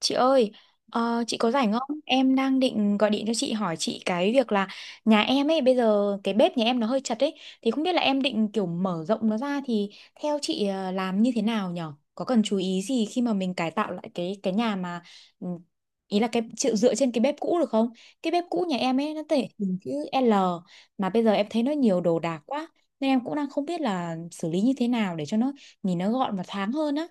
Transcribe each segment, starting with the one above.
Chị ơi, chị có rảnh không? Em đang định gọi điện cho chị hỏi chị cái việc là nhà em ấy bây giờ cái bếp nhà em nó hơi chật ấy thì không biết là em định kiểu mở rộng nó ra thì theo chị làm như thế nào nhở? Có cần chú ý gì khi mà mình cải tạo lại cái nhà mà ừ, ý là cái chịu dựa trên cái bếp cũ được không? Cái bếp cũ nhà em ấy nó thể hình chữ L mà bây giờ em thấy nó nhiều đồ đạc quá nên em cũng đang không biết là xử lý như thế nào để cho nó nhìn nó gọn và thoáng hơn á.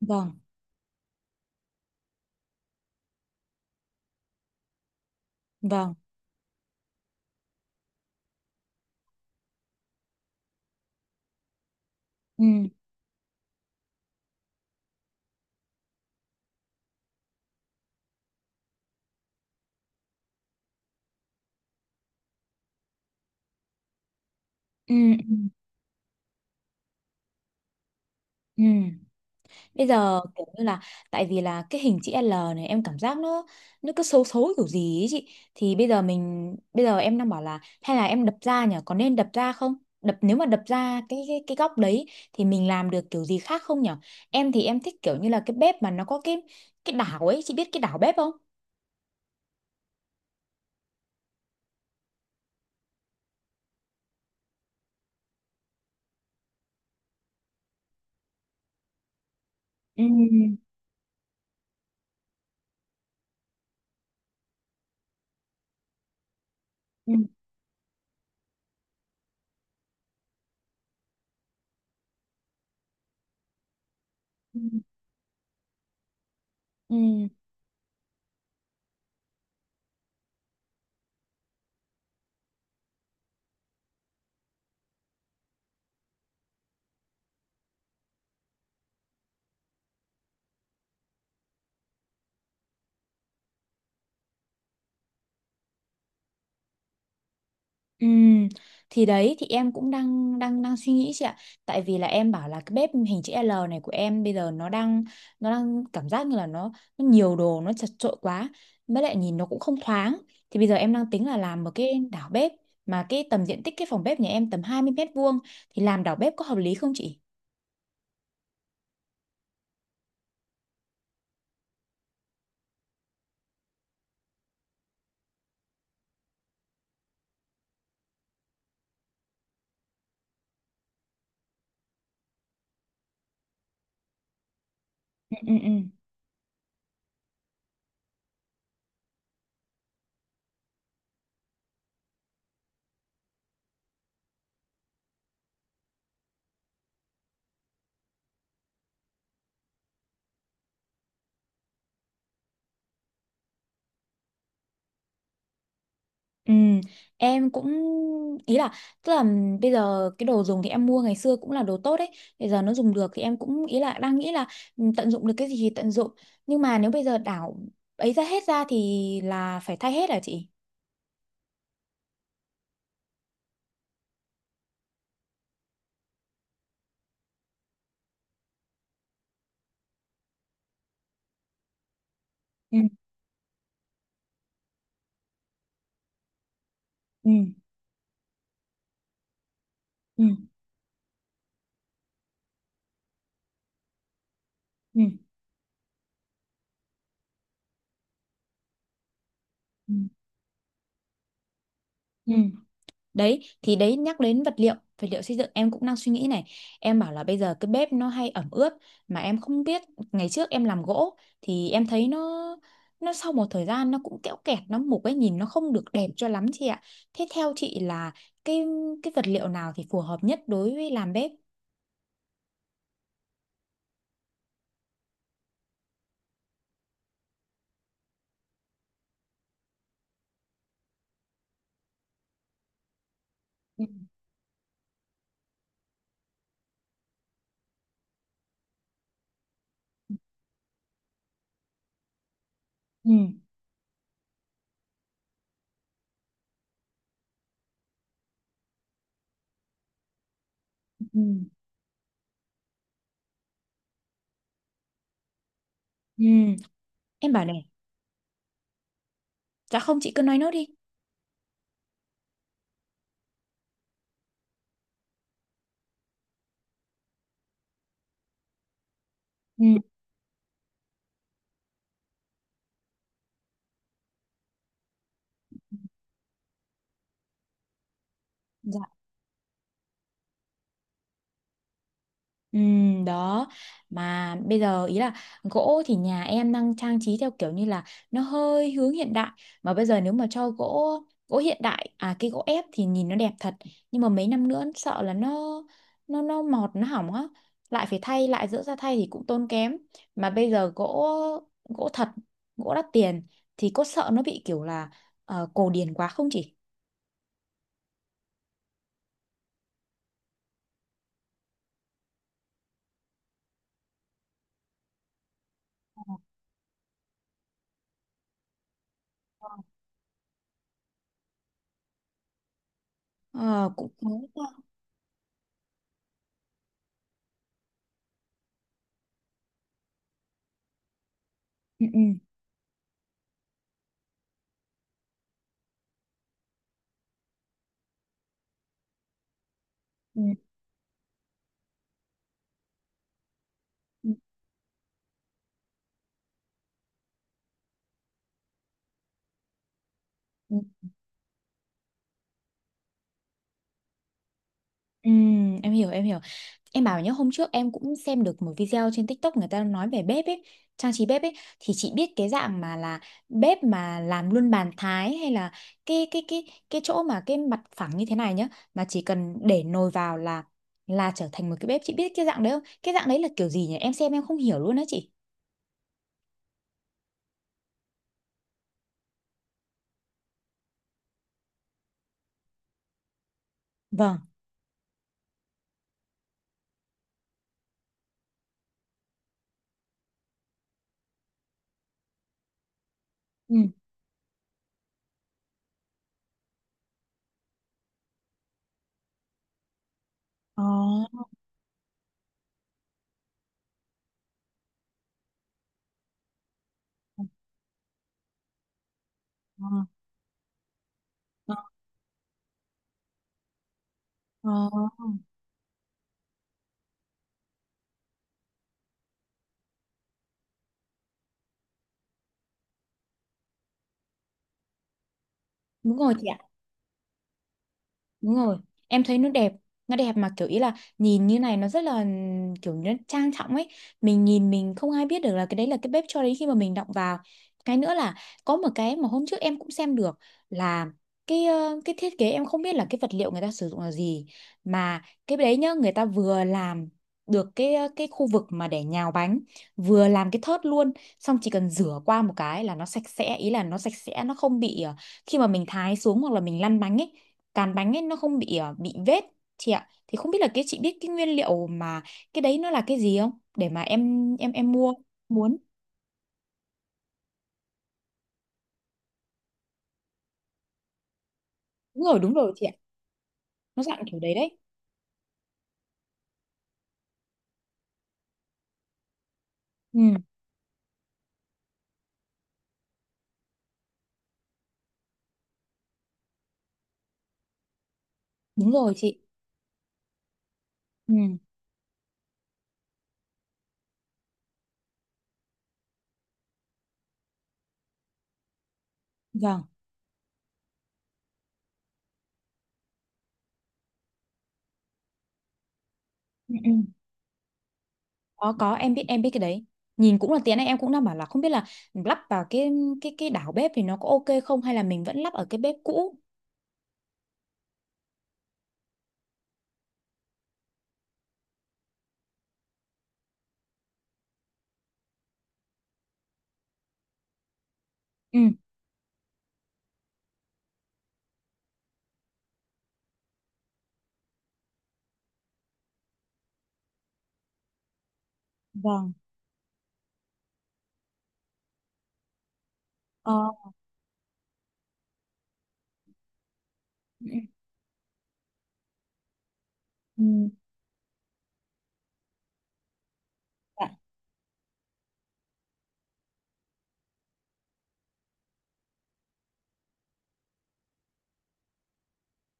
Vâng, vâng. Ừ. Ừ. Ừ. Ừ. Bây giờ kiểu như là tại vì là cái hình chữ L này em cảm giác nó cứ xấu xấu kiểu gì ấy chị thì bây giờ em đang bảo là hay là em đập ra nhỉ, có nên đập ra không, đập nếu mà đập ra cái góc đấy thì mình làm được kiểu gì khác không nhỉ? Em thì em thích kiểu như là cái bếp mà nó có cái đảo ấy, chị biết cái đảo bếp không? Ừ. Ừ. Ừ. Ừ. Ừ, thì đấy thì em cũng đang đang đang suy nghĩ chị ạ. Tại vì là em bảo là cái bếp hình chữ L này của em bây giờ nó đang cảm giác như là nó nhiều đồ nó chật chội quá. Với lại nhìn nó cũng không thoáng. Thì bây giờ em đang tính là làm một cái đảo bếp mà cái tầm diện tích cái phòng bếp nhà em tầm 20 mét vuông thì làm đảo bếp có hợp lý không chị? Ừ, ừ, ừ. Ừ, em cũng ý là tức là bây giờ cái đồ dùng thì em mua ngày xưa cũng là đồ tốt đấy, bây giờ nó dùng được thì em cũng ý là đang nghĩ là ừ, tận dụng được cái gì thì tận dụng, nhưng mà nếu bây giờ đảo ấy ra hết ra thì là phải thay hết à chị? Ừ, ừ, ừ, ừ, ừ, ừ. Đấy, thì đấy nhắc đến vật liệu xây dựng em cũng đang suy nghĩ này. Em bảo là bây giờ cái bếp nó hay ẩm ướt mà em không biết, ngày trước em làm gỗ thì em thấy nó sau một thời gian nó cũng kẽo kẹt nó mục ấy, nhìn nó không được đẹp cho lắm chị ạ. Thế theo chị là cái cái vật liệu nào thì phù hợp nhất đối với làm bếp? Ừ. Ừ. Ừ. Ừ, em bảo này, dạ không chị cứ nói nốt đi. Ừ. Dạ. Ừ, đó mà bây giờ ý là gỗ thì nhà em đang trang trí theo kiểu như là nó hơi hướng hiện đại, mà bây giờ nếu mà cho gỗ gỗ hiện đại à, cái gỗ ép thì nhìn nó đẹp thật, nhưng mà mấy năm nữa sợ là nó mọt nó hỏng á, lại phải thay lại giữa ra thay thì cũng tốn kém, mà bây giờ gỗ gỗ thật, gỗ đắt tiền thì có sợ nó bị kiểu là cổ điển quá không chị? Ờ, cũng khó. Đúng ừ, ừ, ừ, ừ, ừ, em hiểu. Em bảo nhớ hôm trước em cũng xem được một video trên TikTok người ta nói về bếp ấy, trang trí bếp ấy, thì chị biết cái dạng mà là bếp mà làm luôn bàn thái, hay là cái chỗ mà cái mặt phẳng như thế này nhá, mà chỉ cần để nồi vào là trở thành một cái bếp, chị biết cái dạng đấy không? Cái dạng đấy là kiểu gì nhỉ? Em xem em không hiểu luôn đó chị. Vâng. Ừ. Ờ, ờ, ờ. Ờ. Đúng rồi, chị. Đúng rồi, em thấy nó đẹp mà kiểu ý là nhìn như này nó rất là kiểu nó trang trọng ấy. Mình nhìn mình không ai biết được là cái đấy là cái bếp cho đến khi mà mình động vào. Cái nữa là có một cái mà hôm trước em cũng xem được là cái thiết kế em không biết là cái vật liệu người ta sử dụng là gì mà cái đấy nhá, người ta vừa làm được cái khu vực mà để nhào bánh, vừa làm cái thớt luôn, xong chỉ cần rửa qua một cái là nó sạch sẽ, ý là nó sạch sẽ, nó không bị khi mà mình thái xuống hoặc là mình lăn bánh ấy, cán bánh ấy nó không bị bị vết chị ạ, thì không biết là cái chị biết cái nguyên liệu mà cái đấy nó là cái gì không để mà em mua muốn. Đúng rồi đúng rồi chị ạ, nó dạng kiểu đấy đấy. Ừ đúng rồi chị. Ừ. Vâng. Ừ, ừ. Có em biết cái đấy, nhìn cũng là tiếng này em cũng đang bảo là không biết là lắp vào cái đảo bếp thì nó có ok không hay là mình vẫn lắp ở cái bếp cũ. Ừ. Vâng. Ờ. Ừ, ừ. Ừ. Dạ.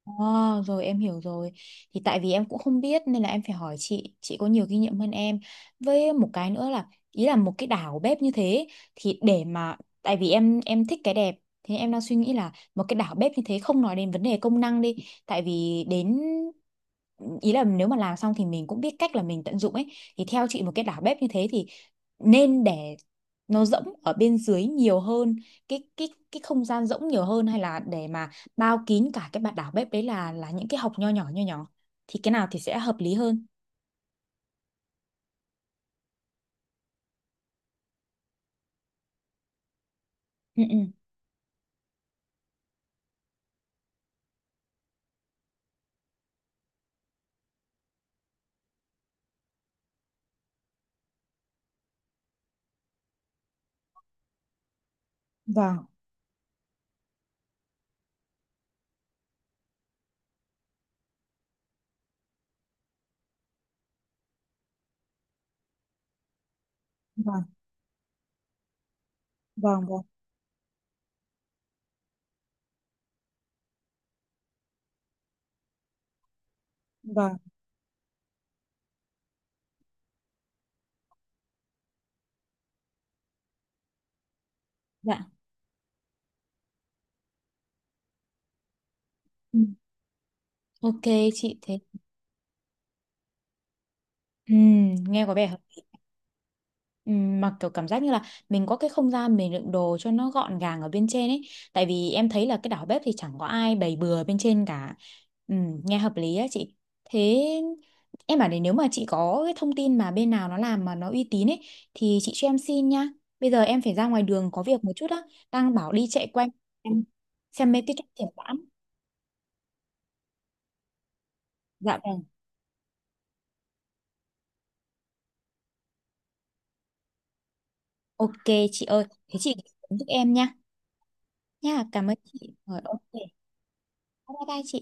À, rồi em hiểu rồi. Thì tại vì em cũng không biết nên là em phải hỏi chị có nhiều kinh nghiệm hơn em. Với một cái nữa là ý là một cái đảo bếp như thế thì để mà tại vì em thích cái đẹp, thế em đang suy nghĩ là một cái đảo bếp như thế không nói đến vấn đề công năng đi, tại vì đến ý là nếu mà làm xong thì mình cũng biết cách là mình tận dụng ấy, thì theo chị một cái đảo bếp như thế thì nên để nó rỗng ở bên dưới nhiều hơn, cái không gian rỗng nhiều hơn, hay là để mà bao kín cả cái bản đảo bếp đấy là những cái hộc nho nhỏ thì cái nào thì sẽ hợp lý hơn? Ừ, ừ. Vâng, vâng, vâng, vâng, vâng. Dạ. Ừ. Ok chị. Thế ừ, nghe có vẻ hợp lý. Mà kiểu cảm giác như là mình có cái không gian mình đựng đồ cho nó gọn gàng ở bên trên ấy. Tại vì em thấy là cái đảo bếp thì chẳng có ai bày bừa bên trên cả. Nghe hợp lý á chị. Thế em bảo này, nếu mà chị có cái thông tin mà bên nào nó làm mà nó uy tín ấy thì chị cho em xin nha. Bây giờ em phải ra ngoài đường có việc một chút á. Đang bảo đi chạy quanh em xem mấy cái chỗ triển lãm. Dạ vâng. Ok chị ơi. Thế chị giúp em nha. Nha, cảm ơn chị. Rồi ok. Bye bye chị.